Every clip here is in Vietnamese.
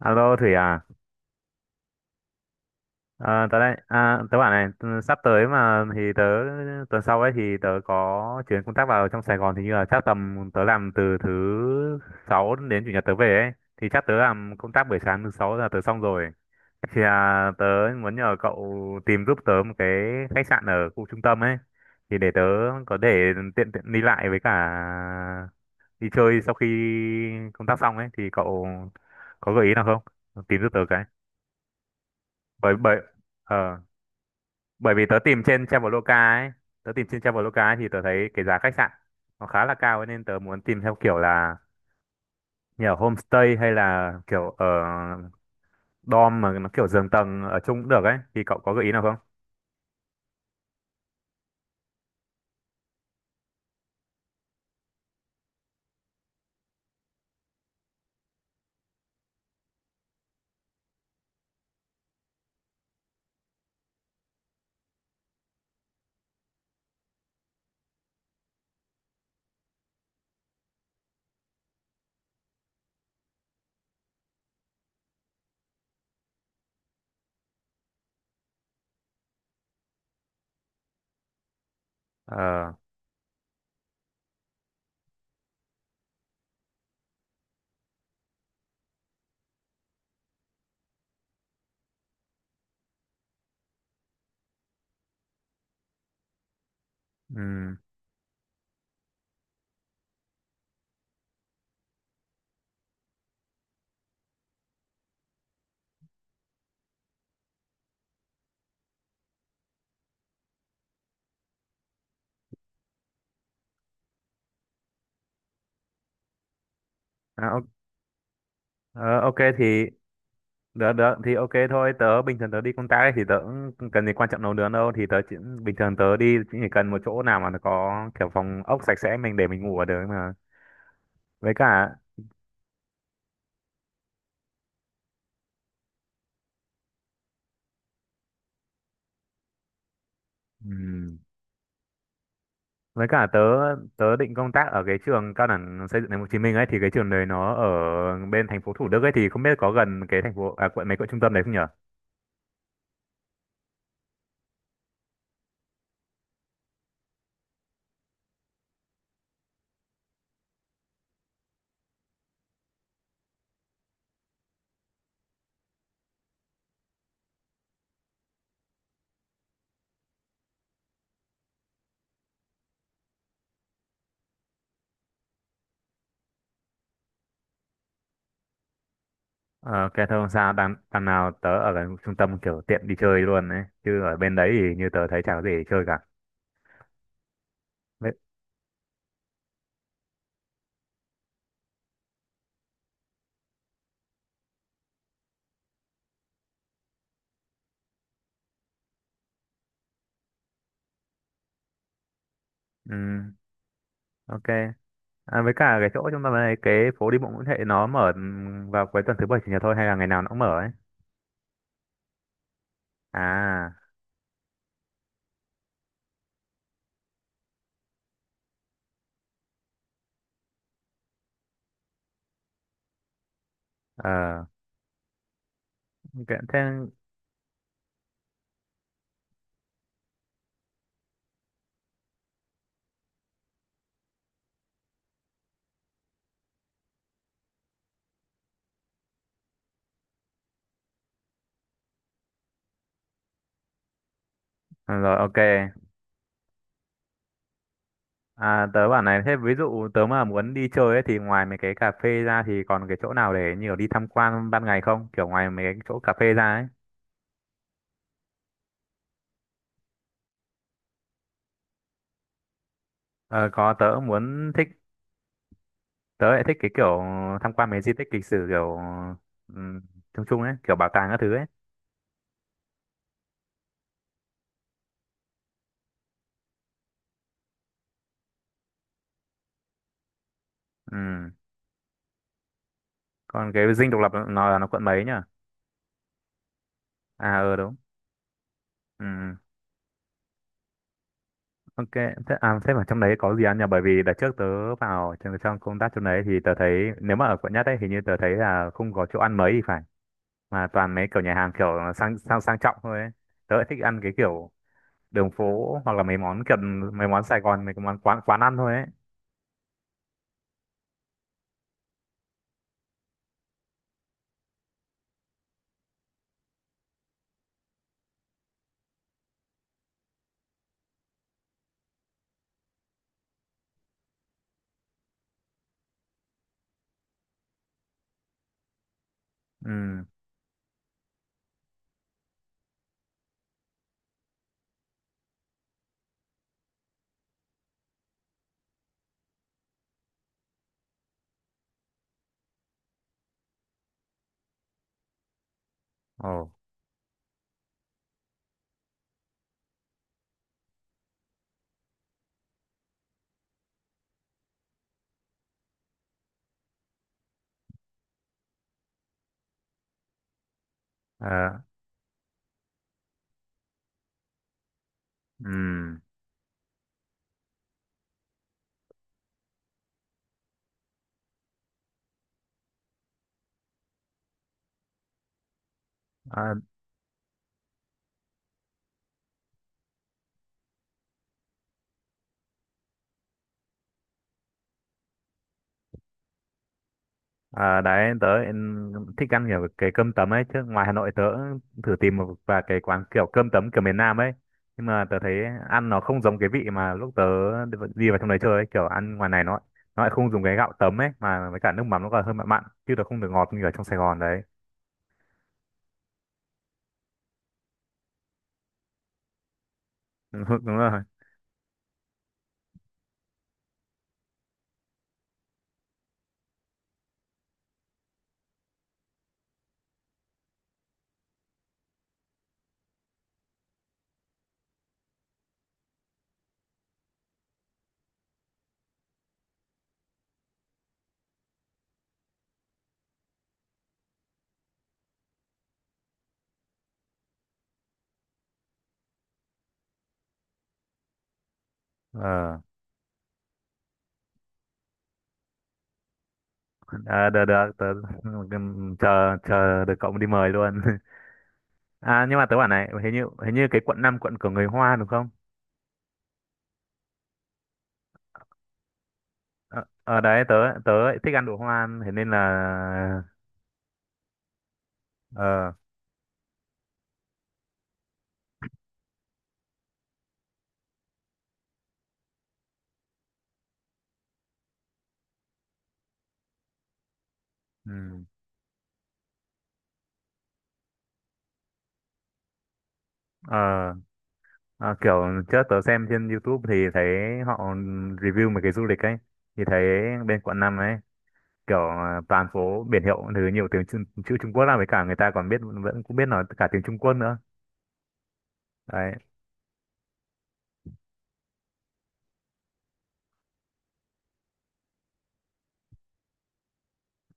Alo Thủy à, à tớ đây à, tớ bảo này sắp tới mà thì tớ tuần sau ấy thì tớ có chuyến công tác vào trong Sài Gòn, thì như là chắc tầm tớ làm từ thứ sáu đến chủ nhật tớ về ấy. Thì chắc tớ làm công tác buổi sáng thứ sáu là tớ xong rồi, thì tớ muốn nhờ cậu tìm giúp tớ một cái khách sạn ở khu trung tâm ấy, thì để tớ có để tiện tiện đi lại với cả đi chơi sau khi công tác xong ấy. Thì cậu có gợi ý nào không, tìm giúp tớ cái. Bởi bởi ờ Bởi vì tớ tìm trên Traveloka ấy thì tớ thấy cái giá khách sạn nó khá là cao ấy, nên tớ muốn tìm theo kiểu là nhà ở homestay hay là kiểu ở dorm mà nó kiểu giường tầng ở chung cũng được ấy. Thì cậu có gợi ý nào không? ờ ừm, à, o- ờ, ok thì. Được được thì ok thôi. Tớ bình thường tớ đi công tác ấy, thì tớ cũng cần gì quan trọng nấu nướng đâu. Thì tớ chỉ, bình thường tớ đi chỉ cần một chỗ nào mà nó có kiểu phòng ốc sạch sẽ, mình để mình ngủ ở được mà, với cả. ừm, với cả tớ tớ định công tác ở cái trường cao đẳng xây dựng thành phố Hồ Chí Minh ấy. Thì cái trường đấy nó ở bên thành phố Thủ Đức ấy, thì không biết có gần cái thành phố, quận mấy, quận trung tâm đấy không nhở? Ờ cái thôi không sao, đằng đằng nào tớ ở gần trung tâm kiểu tiện đi chơi luôn ấy, chứ ở bên đấy thì như tớ thấy chả có gì để chơi cả. Với. ừm, ok. Với cả cái chỗ trung tâm này, cái phố đi bộ Nguyễn Huệ nó mở, vào cuối tuần thứ bảy chủ nhật thôi hay là ngày nào nó cũng mở ấy? À. ờ ok thế. Ờ, Rồi, ok. À, tớ bảo này, thế ví dụ tớ mà muốn đi chơi ấy, thì ngoài mấy cái cà phê ra thì còn cái chỗ nào để nhiều đi tham quan ban ngày không? Kiểu ngoài mấy cái chỗ cà phê ra ấy. Ờ, có, tớ muốn thích, tớ lại thích cái kiểu tham quan mấy di tích lịch sử, kiểu um, chung chung ấy, kiểu bảo tàng các thứ ấy. Ừ. Còn cái Dinh Độc Lập nó là nó quận mấy nhỉ? À, ờ đúng. Ừ. Ok, thế, à, thế mà trong đấy có gì ăn nhỉ? Bởi vì đợt trước tớ vào trong, trong công tác trong đấy, thì tớ thấy nếu mà ở quận nhất ấy hình như tớ thấy là không có chỗ ăn mấy thì phải. Mà toàn mấy kiểu nhà hàng kiểu sang sang sang trọng thôi ấy. Tớ lại thích ăn cái kiểu đường phố, hoặc là mấy món kiểu mấy món Sài Gòn, mấy cái món quán quán ăn thôi ấy. Ừ. Ồ. Ờ. Ừ. À. À, đấy tớ lại thích ăn kiểu cái cơm tấm ấy, chứ ngoài Hà Nội tớ thử tìm một vài cái quán kiểu cơm tấm kiểu miền Nam ấy, nhưng mà tớ thấy ăn nó không giống cái vị mà lúc tớ đi vào trong đấy chơi ấy. Kiểu ăn ngoài này nó lại không dùng cái gạo tấm ấy, mà với cả nước mắm nó còn hơi mặn mặn chứ nó không được ngọt như ở trong Sài Gòn đấy. Đúng rồi. Ờ. À, được được tớ chờ chờ được cậu đi mời luôn. À, nhưng mà tớ bảo này, hình như cái quận năm, quận của người Hoa đúng không? Ờ, ờ đấy tớ, tớ lại thích ăn đồ Hoa, thế nên là. Ờ. Ừ. Ờ. Ờ, kiểu trước tớ xem trên YouTube thì thấy họ review mấy cái du lịch ấy, thì thấy bên quận năm ấy kiểu toàn phố biển hiệu thứ nhiều tiếng, chữ, chữ Trung Quốc, là với cả người ta còn biết, vẫn cũng biết nói cả tiếng Trung Quốc nữa. Đấy.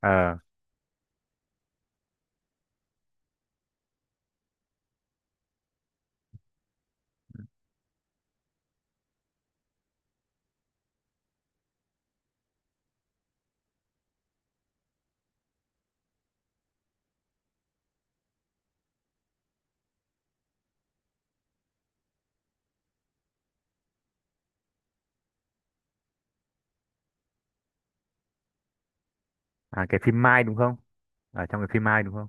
Ờ. À, cái phim Mai đúng không? Ở trong cái phim Mai đúng không?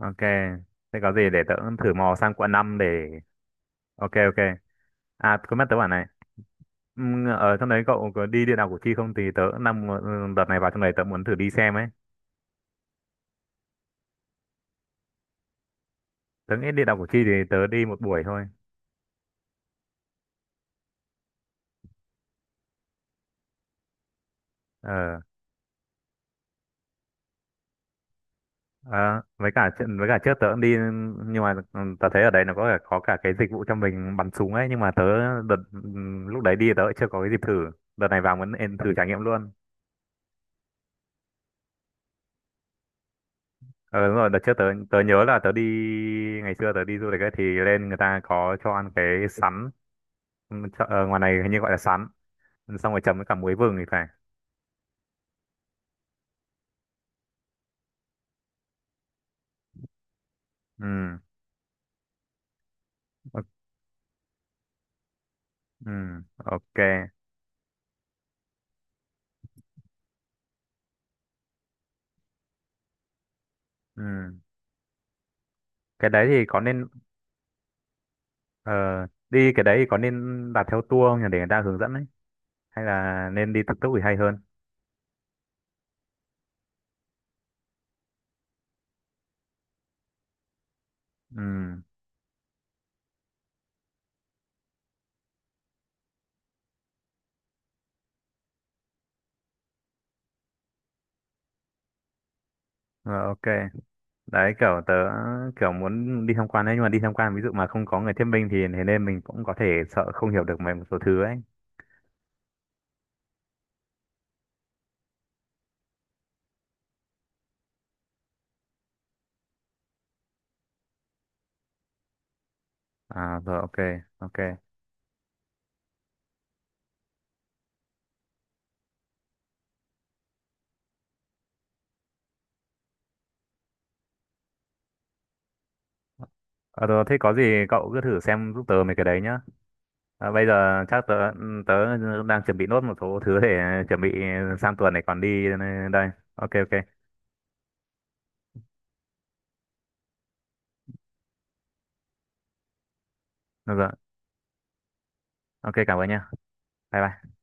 Ok. Thế có gì để tớ cũng thử mò sang quận 5 để... Ok ok. À, có mắt tớ bảo này. Ở trong đấy cậu có đi địa đạo Củ Chi không? Thì tớ cũng đang mu- đợt này vào trong đấy tớ muốn thử đi xem ấy. Tớ nghĩ địa đạo Củ Chi thì tớ đi một buổi thôi. Ờ. ờ, với cả chuyện- với cả trước tớ cũng đi, nhưng mà tớ thấy ở đấy nó có cả cái dịch vụ cho mình bắn súng ấy, nhưng mà tớ đợt lúc đấy đi tớ chưa có cái dịp thử. Đợt này vào muốn thử trải nghiệm luôn. Ờ đúng rồi, đợt trước tớ, tớ nhớ là tớ đi ngày xưa tớ đi du lịch ấy, thì lên người ta có cho ăn cái sắn. Ừ, chợ- ngoài này hình như gọi là sắn, xong rồi chấm với cả muối vừng thì phải. Ừ. Ok. Ừ. Ok. Ừ. Cái đấy thì có nên, ờ, đi cái đấy thì có nên đặt theo tour không nhỉ, để người ta hướng dẫn ấy, hay là nên đi tự túc thì hay hơn? Ừ. ờ, ok đấy, kiểu tớ kiểu muốn đi tham quan ấy, nhưng mà đi tham quan ví dụ mà không có người thuyết minh thì thế nên mình cũng có thể sợ không hiểu được mấy một số thứ ấy. À rồi, ok. Ok. Ờ rồi, thế có gì cậu cứ thử xem giúp tớ mấy cái đấy nhá. Bây giờ chắc tớ tớ đang chuẩn bị nốt một số thứ để chuẩn bị sang tuần này còn đi đây. Ok ok. Được rồi. Ok, cảm ơn nhá. Bye bye.